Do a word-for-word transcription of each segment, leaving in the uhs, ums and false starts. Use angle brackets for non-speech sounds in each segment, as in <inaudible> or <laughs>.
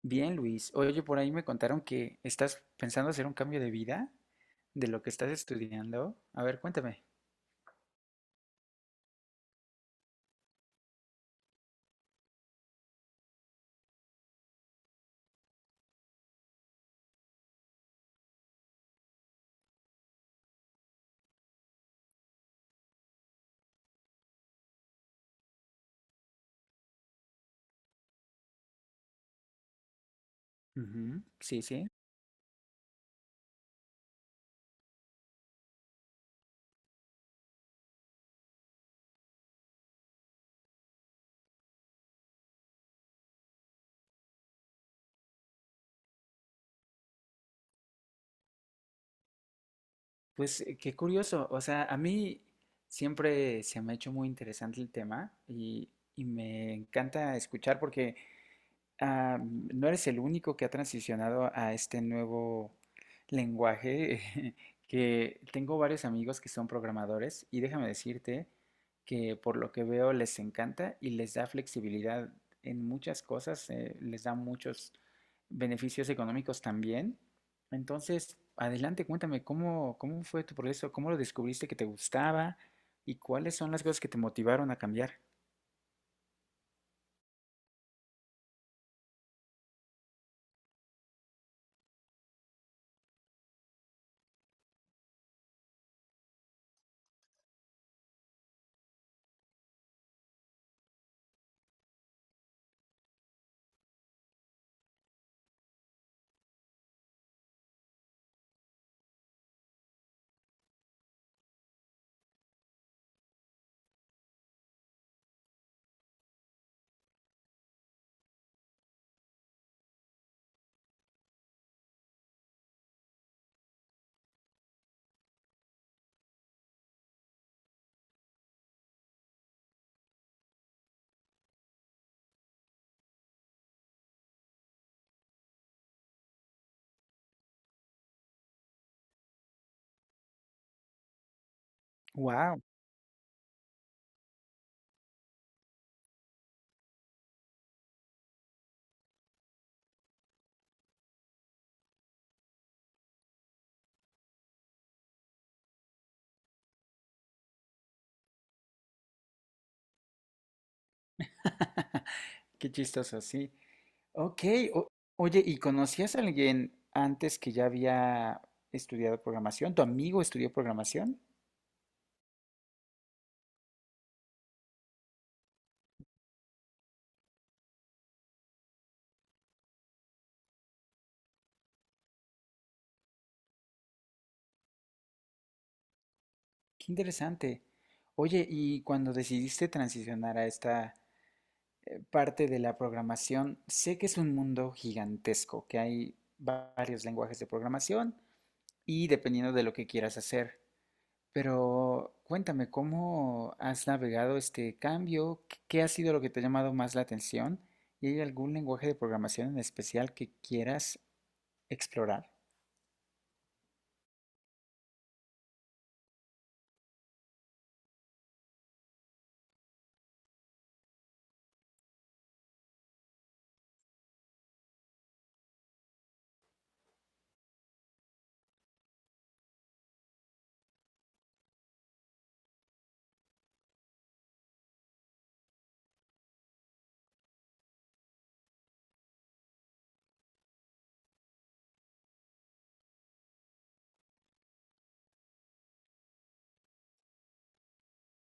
Bien, Luis. Oye, por ahí me contaron que estás pensando hacer un cambio de vida de lo que estás estudiando. A ver, cuéntame. Ujú. Sí, sí. Pues eh, qué curioso. O sea, a mí siempre se me ha hecho muy interesante el tema y, y me encanta escuchar porque ah, no eres el único que ha transicionado a este nuevo lenguaje, <laughs> que tengo varios amigos que son programadores y déjame decirte que por lo que veo les encanta y les da flexibilidad en muchas cosas, eh, les da muchos beneficios económicos también. Entonces, adelante, cuéntame, ¿cómo, cómo fue tu proceso? ¿Cómo lo descubriste que te gustaba? ¿Y cuáles son las cosas que te motivaron a cambiar? ¡Wow! <laughs> Qué chistoso, sí. Ok, o- oye, ¿y conocías a alguien antes que ya había estudiado programación? ¿Tu amigo estudió programación? Qué interesante. Oye, y cuando decidiste transicionar a esta eh, parte de la programación, sé que es un mundo gigantesco, que hay va- varios lenguajes de programación y dependiendo de lo que quieras hacer. Pero cuéntame, ¿cómo has navegado este cambio? ¿Qué qué ha sido lo que te ha llamado más la atención? ¿Y hay algún lenguaje de programación en especial que quieras explorar?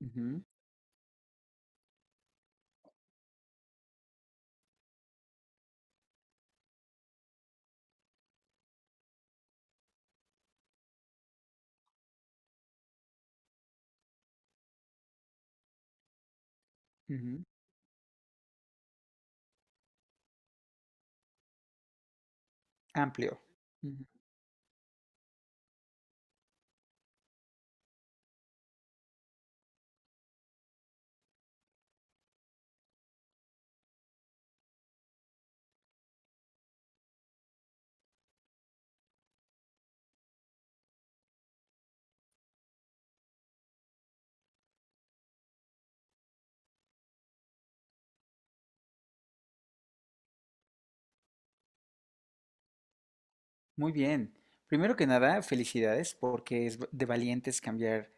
Ujú, ujú. Amplio. Muy bien. Primero que nada, felicidades porque es de valientes cambiar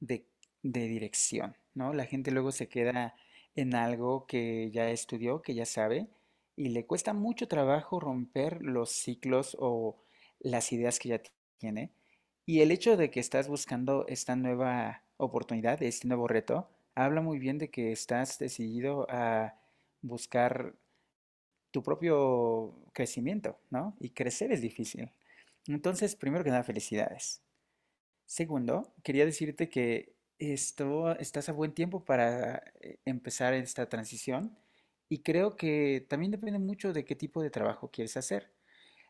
de, de dirección, ¿no? La gente luego se queda en algo que ya estudió, que ya sabe, y le cuesta mucho trabajo romper los ciclos o las ideas que ya tiene. Y el hecho de que estás buscando esta nueva oportunidad, este nuevo reto, habla muy bien de que estás decidido a buscar tu propio crecimiento, ¿no? Y crecer es difícil. Entonces, primero que nada, felicidades. Segundo, quería decirte que esto, estás a buen tiempo para eh, empezar esta transición y creo que también depende mucho de qué tipo de trabajo quieres hacer.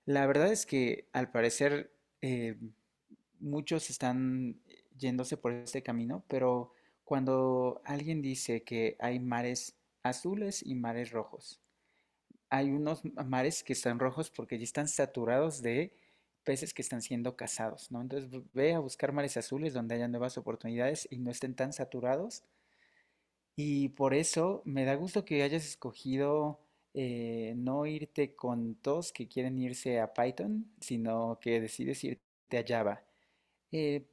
La verdad es que al parecer eh, muchos están yéndose por este camino, pero cuando alguien dice que hay mares azules y mares rojos, hay unos mares que están rojos porque ya están saturados de peces que están siendo cazados, ¿no? Entonces bu- ve a buscar mares azules donde haya nuevas oportunidades y no estén tan saturados. Y por eso me da gusto que hayas escogido eh, no irte con todos que quieren irse a Python, sino que decides irte a Java. Eh,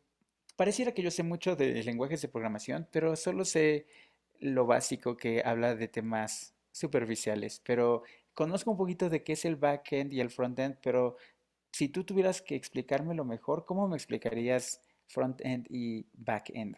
Pareciera que yo sé mucho de lenguajes de programación, pero solo sé lo básico que habla de temas superficiales. Pero conozco un poquito de qué es el backend y el frontend, pero si tú tuvieras que explicármelo mejor, ¿cómo me explicarías frontend y backend?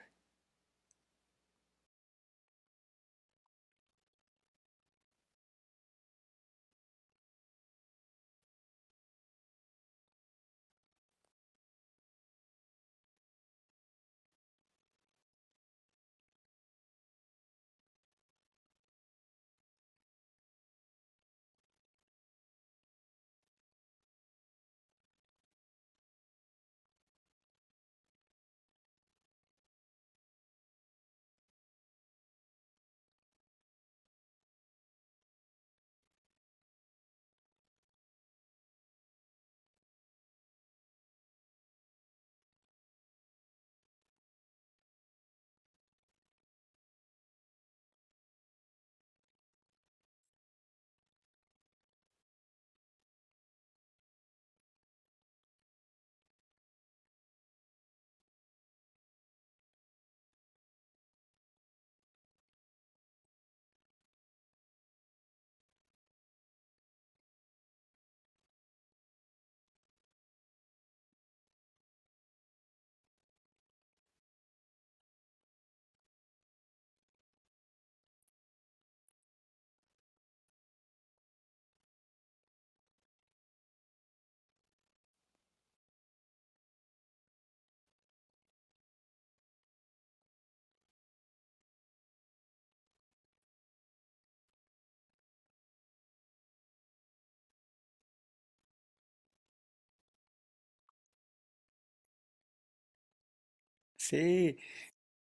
Sí.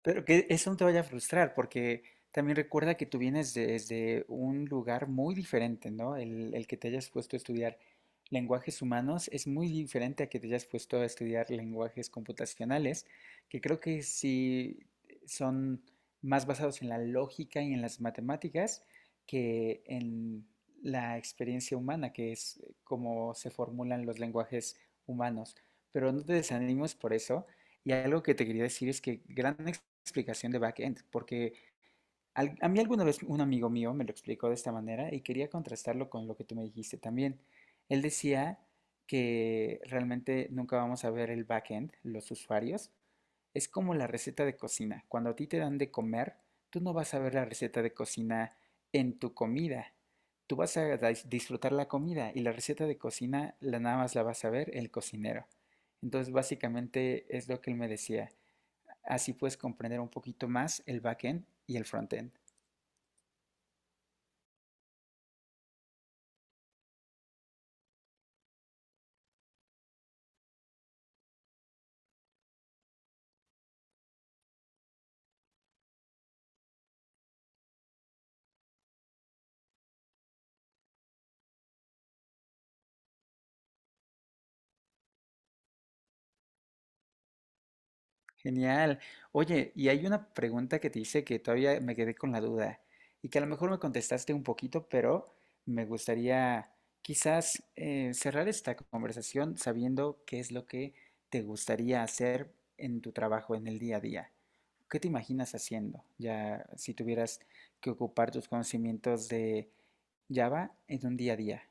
Pero que eso no te vaya a frustrar, porque también recuerda que tú vienes desde un lugar muy diferente, ¿no? El, el que te hayas puesto a estudiar lenguajes humanos es muy diferente a que te hayas puesto a estudiar lenguajes computacionales, que creo que sí son más basados en la lógica y en las matemáticas que en la experiencia humana, que es como se formulan los lenguajes humanos. Pero no te desanimes por eso. Y algo que te quería decir es que gran ex- explicación de backend, porque al- a mí alguna vez un amigo mío me lo explicó de esta manera y quería contrastarlo con lo que tú me dijiste también. Él decía que realmente nunca vamos a ver el backend, los usuarios. Es como la receta de cocina. Cuando a ti te dan de comer, tú no vas a ver la receta de cocina en tu comida. Tú vas a dis- disfrutar la comida y la receta de cocina la nada más la vas a ver el cocinero. Entonces, básicamente es lo que él me decía. Así puedes comprender un poquito más el backend y el frontend. Genial. Oye, y hay una pregunta que te hice que todavía me quedé con la duda y que a lo mejor me contestaste un poquito, pero me gustaría quizás eh, cerrar esta conversación sabiendo qué es lo que te gustaría hacer en tu trabajo, en el día a día. ¿Qué te imaginas haciendo? Ya si tuvieras que ocupar tus conocimientos de Java en un día a día.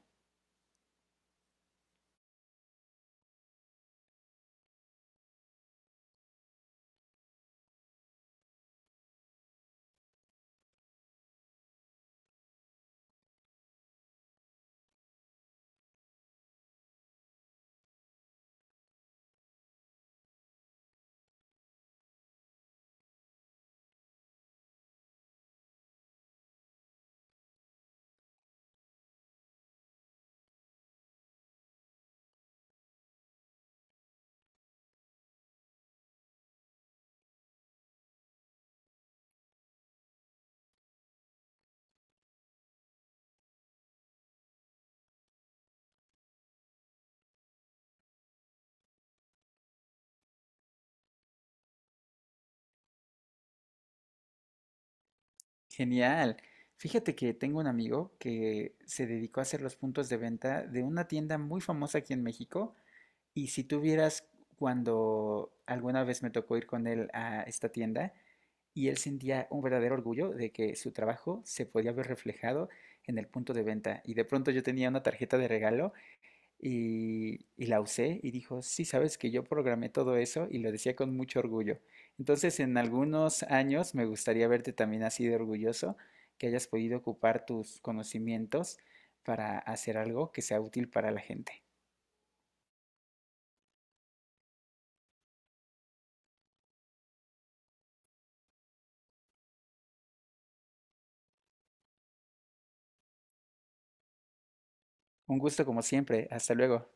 Genial. Fíjate que tengo un amigo que se dedicó a hacer los puntos de venta de una tienda muy famosa aquí en México. Y si tú vieras, cuando alguna vez me tocó ir con él a esta tienda, y él sentía un verdadero orgullo de que su trabajo se podía ver reflejado en el punto de venta. Y de pronto yo tenía una tarjeta de regalo y, y la usé y dijo, sí, sabes que yo programé todo eso, y lo decía con mucho orgullo. Entonces, en algunos años me gustaría verte también así de orgulloso, que hayas podido ocupar tus conocimientos para hacer algo que sea útil para la gente. Un gusto como siempre, hasta luego.